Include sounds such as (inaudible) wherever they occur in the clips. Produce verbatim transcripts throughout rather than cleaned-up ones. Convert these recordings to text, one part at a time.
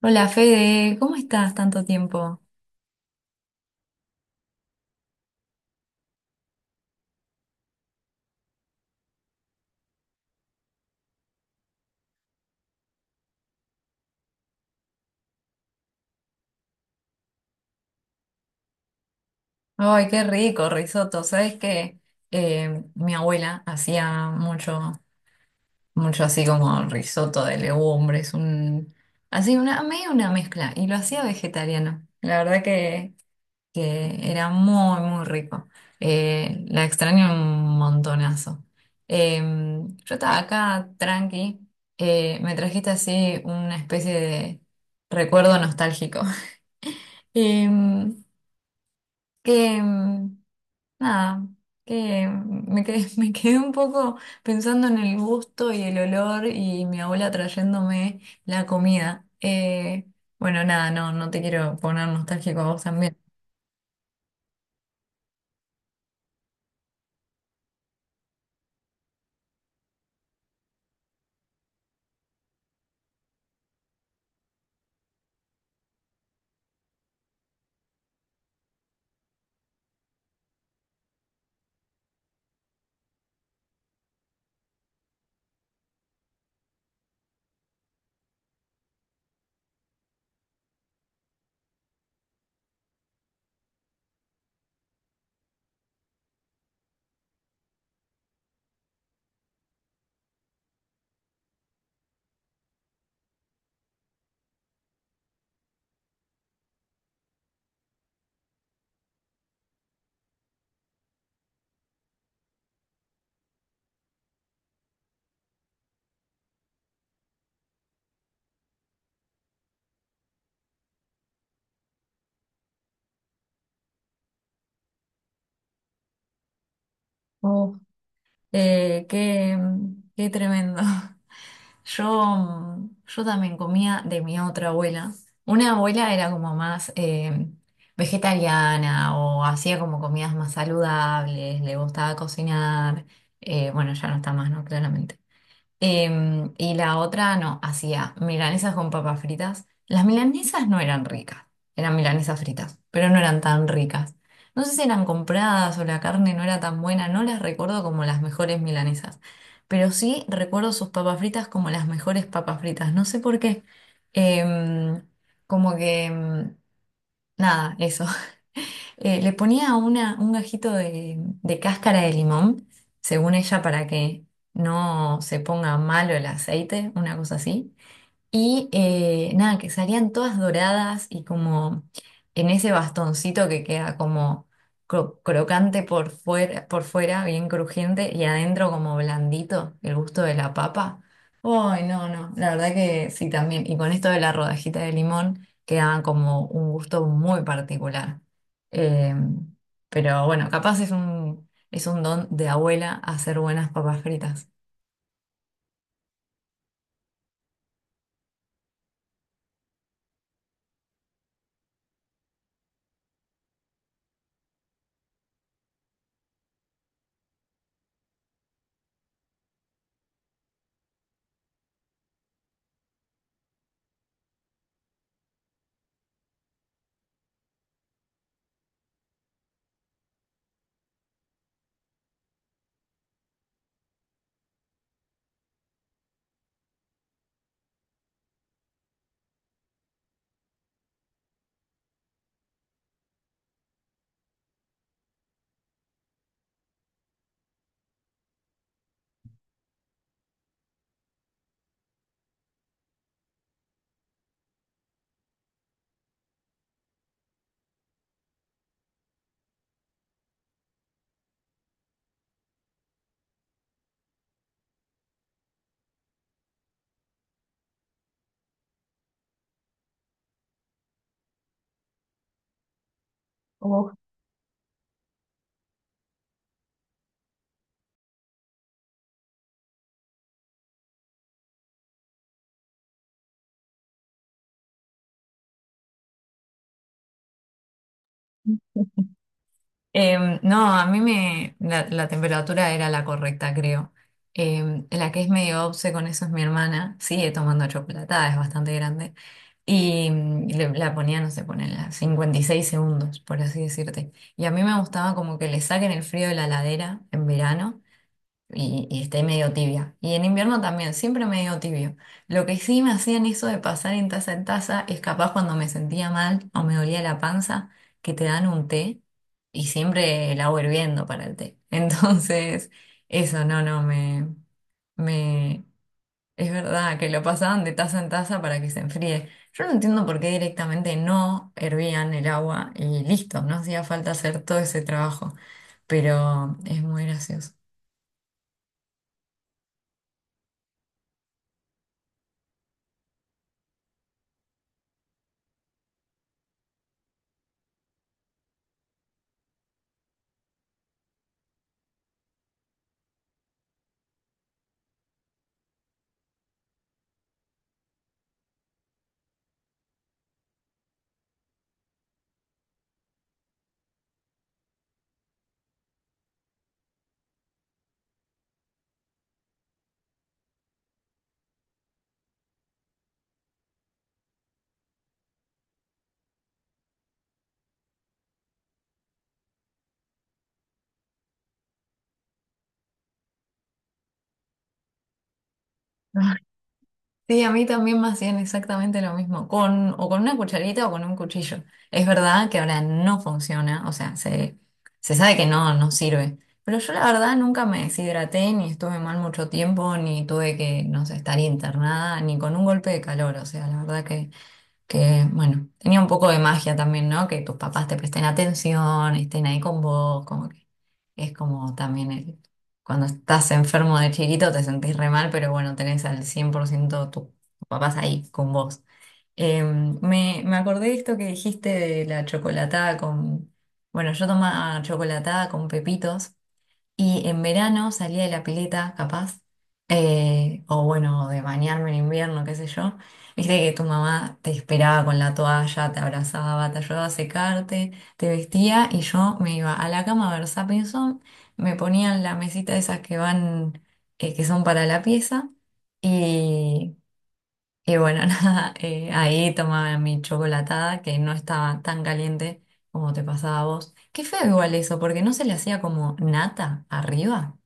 Hola Fede, ¿cómo estás tanto tiempo? Ay, qué rico, risotto. ¿Sabes qué? Eh, mi abuela hacía mucho, mucho así como risotto de legumbres, un, así una, medio una mezcla, y lo hacía vegetariano. La verdad que, que era muy, muy rico. Eh, la extraño un montonazo. Em, yo estaba acá tranqui, eh, me trajiste así una especie de recuerdo nostálgico. (laughs) Em, que mm, Nada, que mm, me quedé, (laughs) me quedé un poco pensando en el gusto y el olor y mi abuela trayéndome la comida. Eh, bueno, nada, no, no te quiero poner nostálgico a vos también. Eh, qué, Qué tremendo. (laughs) Yo, mm, yo también comía de mi otra abuela. Una abuela era como más eh, vegetariana o hacía como comidas más saludables, le gustaba cocinar. Eh, bueno, ya no está más, ¿no? Claramente. Em, y la otra no, hacía milanesas con papas fritas. Las milanesas no eran ricas, eran milanesas fritas, pero no eran tan ricas. No sé si eran compradas o la carne no era tan buena, no las recuerdo como las mejores milanesas, pero sí recuerdo sus papas fritas como las mejores papas fritas, no sé por qué. Em, como que, em, Nada, eso. Eh, le ponía una, un gajito de, de cáscara de limón, según ella, para que no se ponga malo el aceite, una cosa así. Y eh, nada, que salían todas doradas y como en ese bastoncito que queda como cro- crocante por fuera, por fuera, bien crujiente, y adentro como blandito, el gusto de la papa. Uy, no, no, la verdad que sí también. Y con esto de la rodajita de limón quedaba como un gusto muy particular. Eh, pero bueno, capaz es un, es un don de abuela hacer buenas papas fritas. Em, no, a mí me, la, la temperatura era la correcta, creo. Em, la que es medio obse con eso es mi hermana. Sigue tomando chocolatada, es bastante grande. Y mm, le- la ponía, no sé, pone a cincuenta y seis segundos, por así decirte. Y a mí me gustaba como que le saquen el frío de la ladera en verano y, y esté medio tibia. Y en invierno también, siempre medio tibio. Lo que sí me hacían eso de pasar en taza en taza es capaz cuando me sentía mal o me dolía la panza, que te dan un té y siempre el agua hirviendo para el té. (laughs) Entonces, eso no, no, me, me, es verdad que lo pasaban de taza en taza para que se enfríe. Yo no entiendo por qué directamente no hervían el agua y listo, no hacía falta hacer todo ese trabajo, pero es muy gracioso. (laughs) Sí, a mí también me hacían exactamente lo mismo, con, o con una cucharita o con un cuchillo. Es verdad que ahora no funciona, o sea, se, se sabe que no, no sirve. Pero yo la verdad nunca me deshidraté, ni estuve mal mucho tiempo, ni tuve que, no sé, estar internada, ni con un golpe de calor. O sea, la verdad que que, bueno, tenía un poco de magia también, ¿no? Que tus papás te presten atención, estén ahí con vos, como que es como también el, cuando estás enfermo de chiquito te sentís re mal, pero bueno, tenés al cien por ciento tu- tus papás ahí con vos. Eh, me, me acordé de esto que dijiste de la chocolatada con, bueno, yo tomaba chocolatada con pepitos y en verano salía de la pileta, capaz, eh, o bueno, de bañarme en invierno, qué sé yo. Viste que tu mamá te esperaba con la toalla, te abrazaba, te ayudaba a secarte, te vestía y yo me iba a la cama a ver Zapping Zone, me ponían la mesita esas que van, eh, que son para la pieza y y bueno, (laughs) nada, eh, ahí tomaba mi chocolatada que no estaba tan caliente como te pasaba a vos. Qué feo igual eso, porque no se le hacía como nata arriba.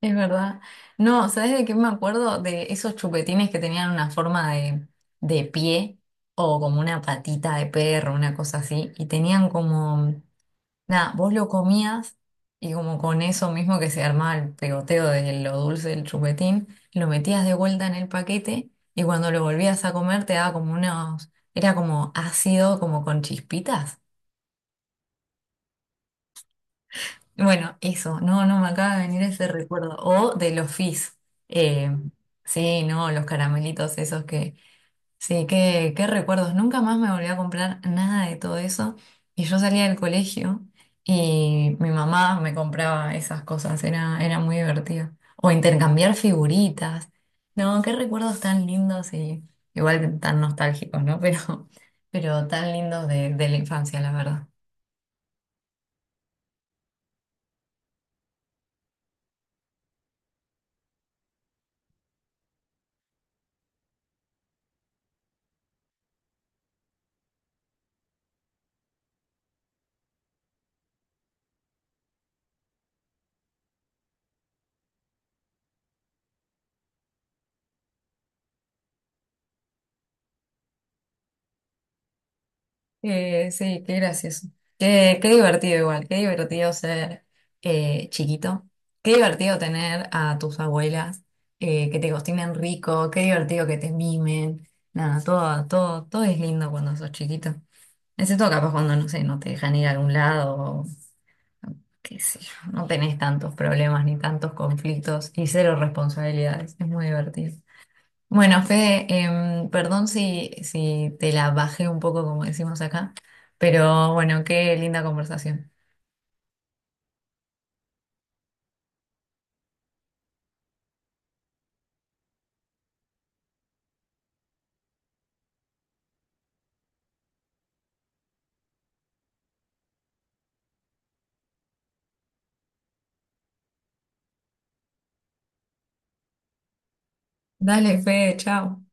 Es verdad. No, ¿sabes de qué me acuerdo? De esos chupetines que tenían una forma de, de pie o como una patita de perro, una cosa así, y tenían como nada, vos lo comías y como con eso mismo que se armaba el pegoteo de lo dulce del chupetín, lo metías de vuelta en el paquete y cuando lo volvías a comer te daba como unos, era como ácido, como con chispitas. Bueno, eso, no, no me acaba de venir ese recuerdo. O de los fizz. Eh, sí, no, los caramelitos esos que sí, qué, qué recuerdos. Nunca más me volví a comprar nada de todo eso. Y yo salía del colegio y mi mamá me compraba esas cosas. Era, era muy divertido. O intercambiar figuritas. No, qué recuerdos tan lindos y igual tan nostálgicos, ¿no? (laughs) Pero, pero tan lindos de, de la infancia, la verdad. Eh, sí, qué gracioso. Qué, qué divertido igual, qué divertido ser eh, chiquito. Qué divertido tener a tus abuelas eh, que te cocinen rico, qué divertido que te mimen. Nada, todo, todo, todo es lindo cuando sos chiquito. Excepto capaz cuando, no sé, no te dejan ir a algún lado, o qué sé yo, no tenés tantos problemas ni tantos conflictos y cero responsabilidades. Es muy divertido. Bueno, Fede, em, perdón si, si te la bajé un poco, como decimos acá, pero bueno, qué linda conversación. Dale, Fede, chao.